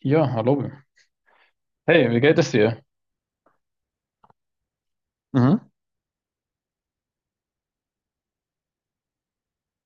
Ja, hallo. Hey, wie geht es dir? Mhm.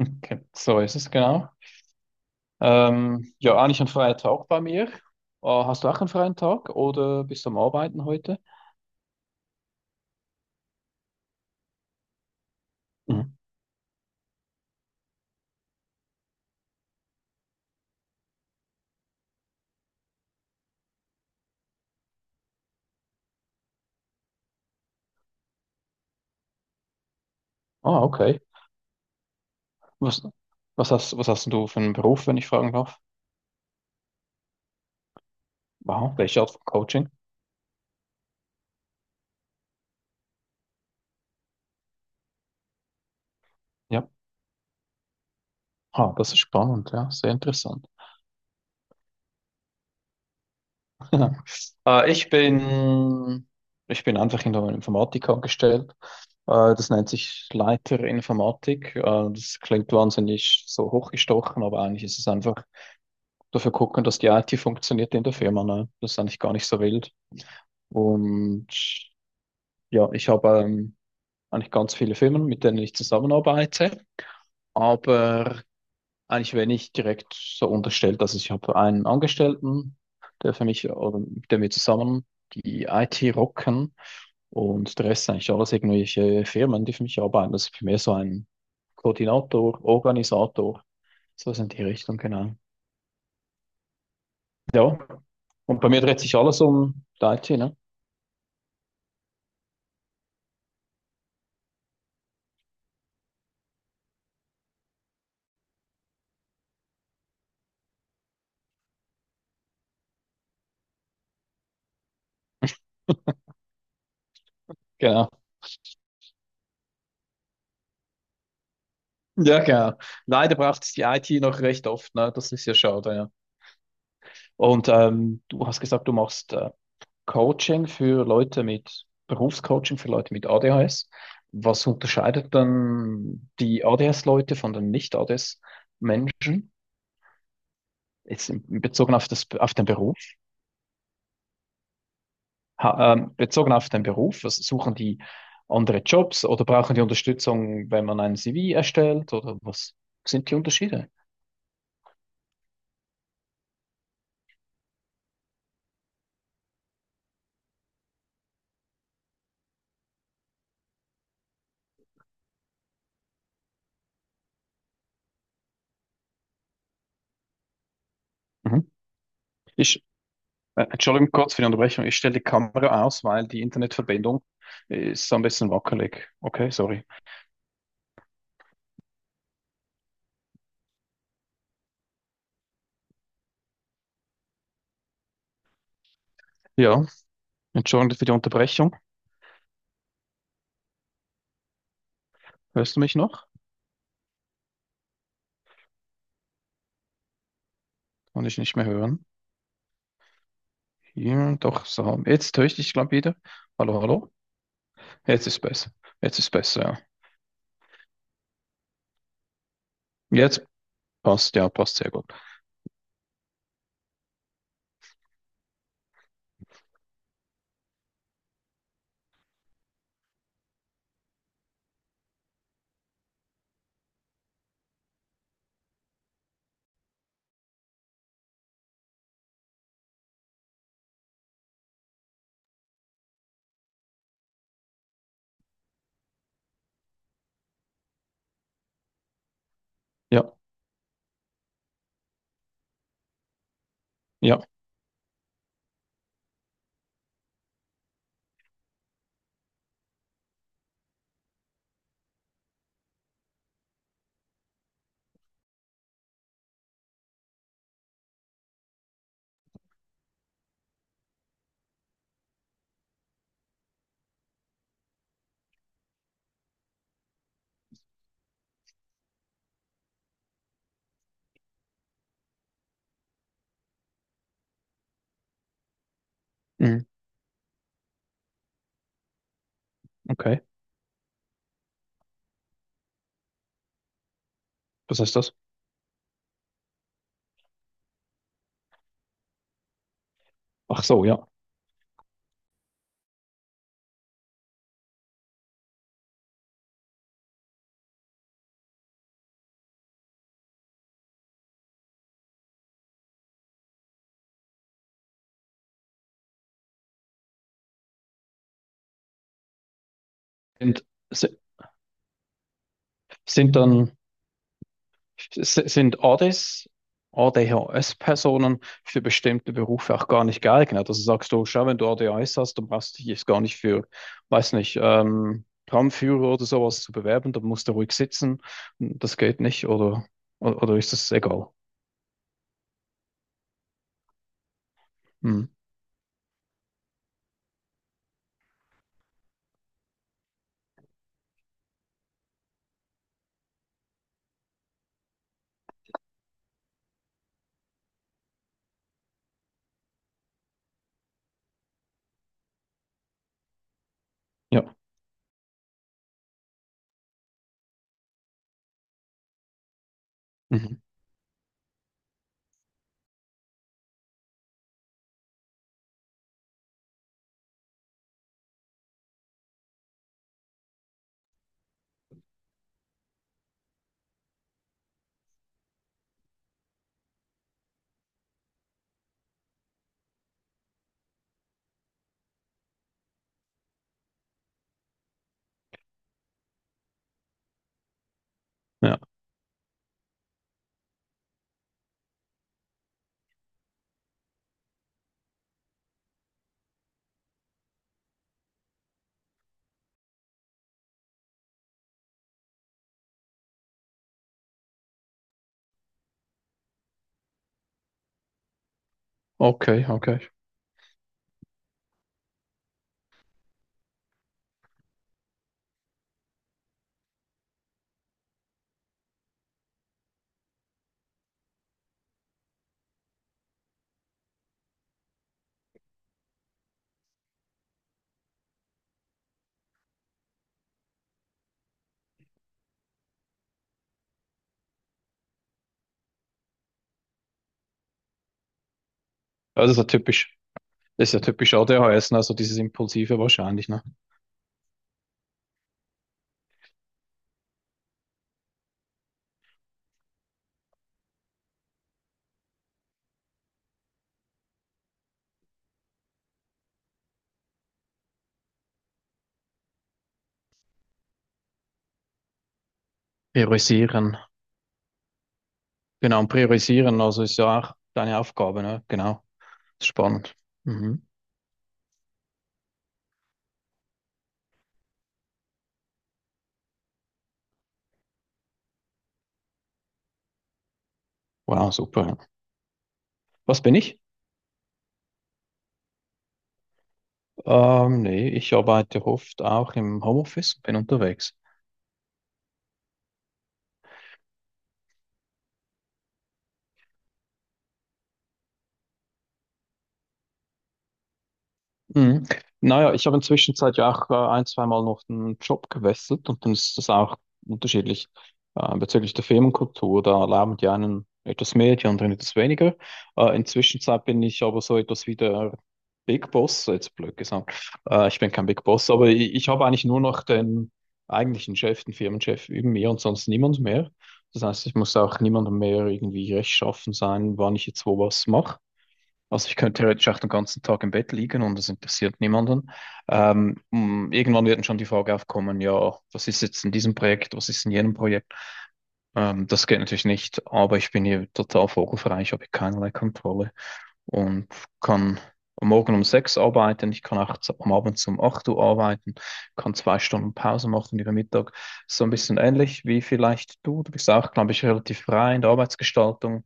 Okay, so ist es genau. Ja, eigentlich ein freier Tag bei mir. Hast du auch einen freien Tag oder bist du am Arbeiten heute? Mhm. Ah, okay. Was, Was hast du für einen Beruf, wenn ich fragen darf? Wow, welche Art von Coaching? Ja, ah, das ist spannend, ja, sehr interessant. Äh, ich bin, Ich bin einfach in der Informatik angestellt. Das nennt sich Leiter Informatik. Das klingt wahnsinnig so hochgestochen, aber eigentlich ist es einfach dafür gucken, dass die IT funktioniert in der Firma. Ne? Das ist eigentlich gar nicht so wild. Und ja, ich habe eigentlich ganz viele Firmen, mit denen ich zusammenarbeite. Aber eigentlich werde ich direkt so unterstellt, dass ich habe einen Angestellten, der für mich oder mit dem wir zusammen die IT rocken und der Rest sind eigentlich alles irgendwelche Firmen, die für mich arbeiten. Das ist für mich so ein Koordinator, Organisator, so sind die Richtung, genau. Ja, und bei mir dreht sich alles um die IT, ne? Genau. Ja, genau. Leider braucht es die IT noch recht oft, ne? Das ist ja schade, ja. Und du hast gesagt, du machst Coaching für Leute mit Berufscoaching für Leute mit ADHS. Was unterscheidet dann die ADS-Leute von den Nicht-ADS-Menschen? Bezogen auf das, auf den Beruf. Bezogen auf den Beruf, was suchen die andere Jobs oder brauchen die Unterstützung, wenn man ein CV erstellt oder was sind die Unterschiede? Mhm. Ich, Entschuldigung kurz für die Unterbrechung. Ich stelle die Kamera aus, weil die Internetverbindung ist so ein bisschen wackelig. Okay, sorry. Ja. Entschuldigung für die Unterbrechung. Hörst du mich noch? Kann ich nicht mehr hören. Ja, doch, so. Jetzt höre ich dich, glaube wieder. Hallo, hallo. Jetzt ist besser. Jetzt ist besser, ja. Jetzt passt, ja, passt sehr gut. Ja, ja. Mhm, okay. Was heißt das? Ach so, ja. Sind, si- sind dann, S- Sind ADES, A D H S personen für bestimmte Berufe auch gar nicht geeignet? Also sagst du, schau, wenn du A D H S hast, dann brauchst du dich jetzt gar nicht für, weiß nicht, Tramführer oder sowas zu bewerben, dann musst du ruhig sitzen. Das geht nicht, oder, ist das egal? Hm. Ja. Mhm. Ja. Okay, okay. Ja, das ist ja typisch. Das ist ja typisch A D ADHS, ne? Also dieses Impulsive wahrscheinlich, ne? Priorisieren. Genau, und priorisieren, also ist ja auch deine Aufgabe, ne? Genau. Spannend. Mhm. Wow, super, ja. Was bin ich? Nee, ich arbeite oft auch im Homeoffice, und bin unterwegs. Mhm. Naja, ich habe inzwischen seit ja auch ein, zweimal noch den Job gewechselt und dann ist das auch unterschiedlich bezüglich der Firmenkultur. Da erlauben die einen etwas mehr, die anderen etwas weniger. Inzwischen Zeit bin ich aber so etwas wie der Big Boss, jetzt blöd gesagt. Ich bin kein Big Boss, aber ich habe eigentlich nur noch den eigentlichen Chef, den Firmenchef über mir und sonst niemand mehr. Das heißt, ich muss auch niemandem mehr irgendwie rechtschaffen sein, wann ich jetzt wo was mache. Also ich könnte theoretisch auch den ganzen Tag im Bett liegen und das interessiert niemanden. Irgendwann wird schon die Frage aufkommen, ja, was ist jetzt in diesem Projekt, was ist in jenem Projekt? Das geht natürlich nicht, aber ich bin hier total vogelfrei, ich habe hier keinerlei Kontrolle und kann am morgen um 6 arbeiten, ich kann nachts am Abend um 8 Uhr arbeiten, kann 2 Stunden Pause machen über Mittag. So ein bisschen ähnlich wie vielleicht du. Du bist auch, glaube ich, relativ frei in der Arbeitsgestaltung.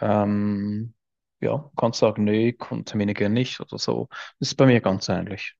Ähm, ja, kannst sagen, nee, Termine gehen nicht oder so. Das ist bei mir ganz ähnlich.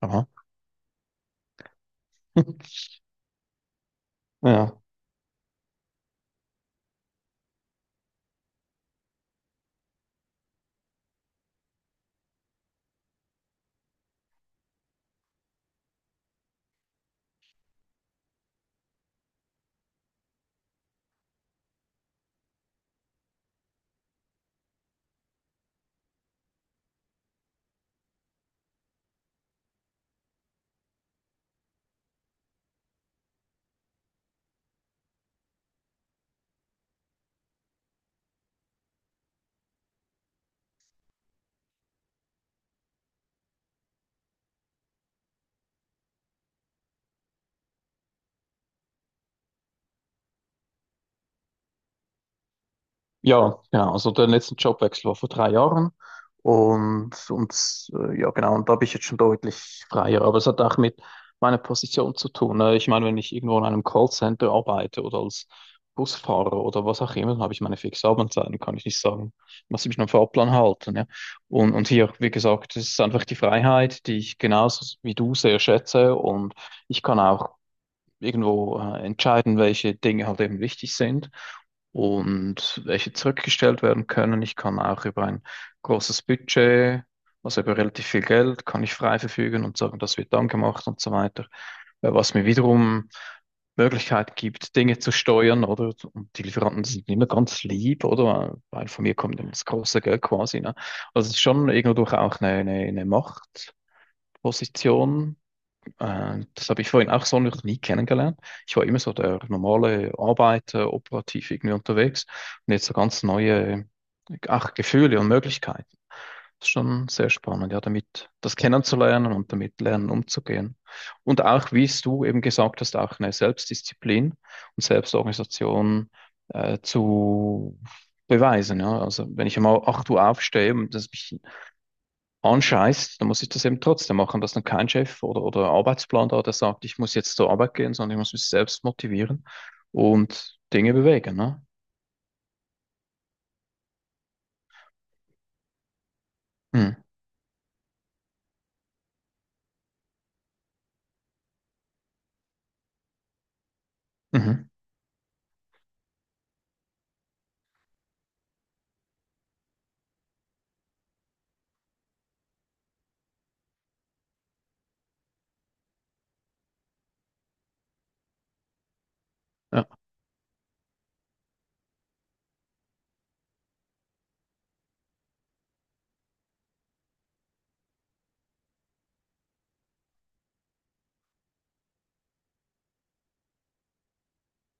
Aha. Ja. Ja, genau. Also der letzte Jobwechsel war vor 3 Jahren und ja genau, und da bin ich jetzt schon deutlich freier. Aber es hat auch mit meiner Position zu tun, ne? Ich meine, wenn ich irgendwo in einem Callcenter arbeite oder als Busfahrer oder was auch immer, dann habe ich meine fixe Arbeitszeiten, kann ich nicht sagen, muss ich mich an den Fahrplan halten. Ja? Und hier, wie gesagt, es ist einfach die Freiheit, die ich genauso wie du sehr schätze und ich kann auch irgendwo entscheiden, welche Dinge halt eben wichtig sind und welche zurückgestellt werden können. Ich kann auch über ein großes Budget, also über relativ viel Geld, kann ich frei verfügen und sagen, das wird dann gemacht und so weiter. Was mir wiederum Möglichkeit gibt, Dinge zu steuern, oder? Und die Lieferanten sind immer ganz lieb, oder? Weil von mir kommt immer das große Geld quasi, ne? Also es ist schon irgendwo durch auch eine Machtposition, das habe ich vorhin auch so noch nie kennengelernt. Ich war immer so der normale Arbeiter, operativ irgendwie unterwegs und jetzt so ganz neue, ach, Gefühle und Möglichkeiten. Das ist schon sehr spannend, ja, damit das kennenzulernen und damit lernen umzugehen. Und auch, wie es du eben gesagt hast, auch eine Selbstdisziplin und Selbstorganisation zu beweisen. Ja. Also wenn ich einmal 8 Uhr aufstehe und das mich anscheißt, dann muss ich das eben trotzdem machen, dass dann kein Chef oder Arbeitsplan da, der sagt, ich muss jetzt zur Arbeit gehen, sondern ich muss mich selbst motivieren und Dinge bewegen, ne? Hm. Mhm. Ja.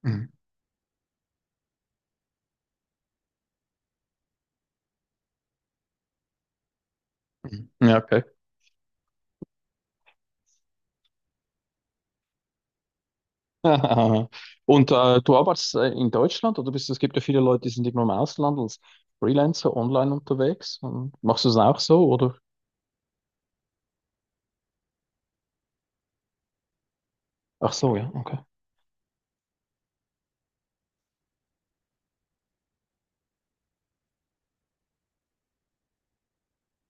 Mhm. Mhm. Ja, okay. Du arbeitest in Deutschland oder bist, es gibt ja viele Leute, die sind immer im Ausland als Freelancer online unterwegs. Und machst du es auch so oder? Ach so, ja, okay.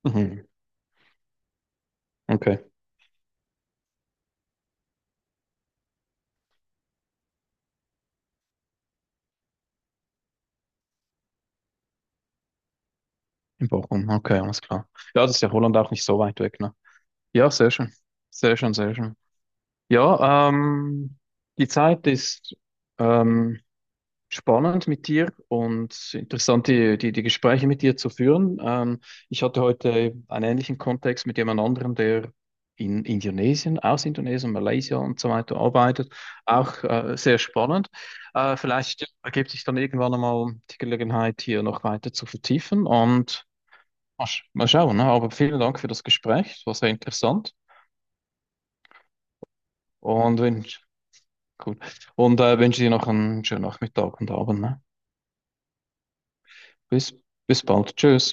Mhm. Okay. In Bochum, okay, alles klar. Ja, das ist ja Holland auch nicht so weit weg, ne? Ja, sehr schön. Sehr schön, sehr schön. Ja, die Zeit ist ähm, spannend mit dir und interessant, die Gespräche mit dir zu führen. Ich hatte heute einen ähnlichen Kontext mit jemand anderem, der in Indonesien, aus Indonesien, Malaysia und so weiter arbeitet. Auch sehr spannend. Vielleicht ergibt sich dann irgendwann einmal die Gelegenheit, hier noch weiter zu vertiefen und mal schauen. Ne? Aber vielen Dank für das Gespräch. Es war sehr interessant. Und wenn Cool. Wünsche dir noch einen schönen Nachmittag und Abend, ne? Bis, Bis bald. Tschüss.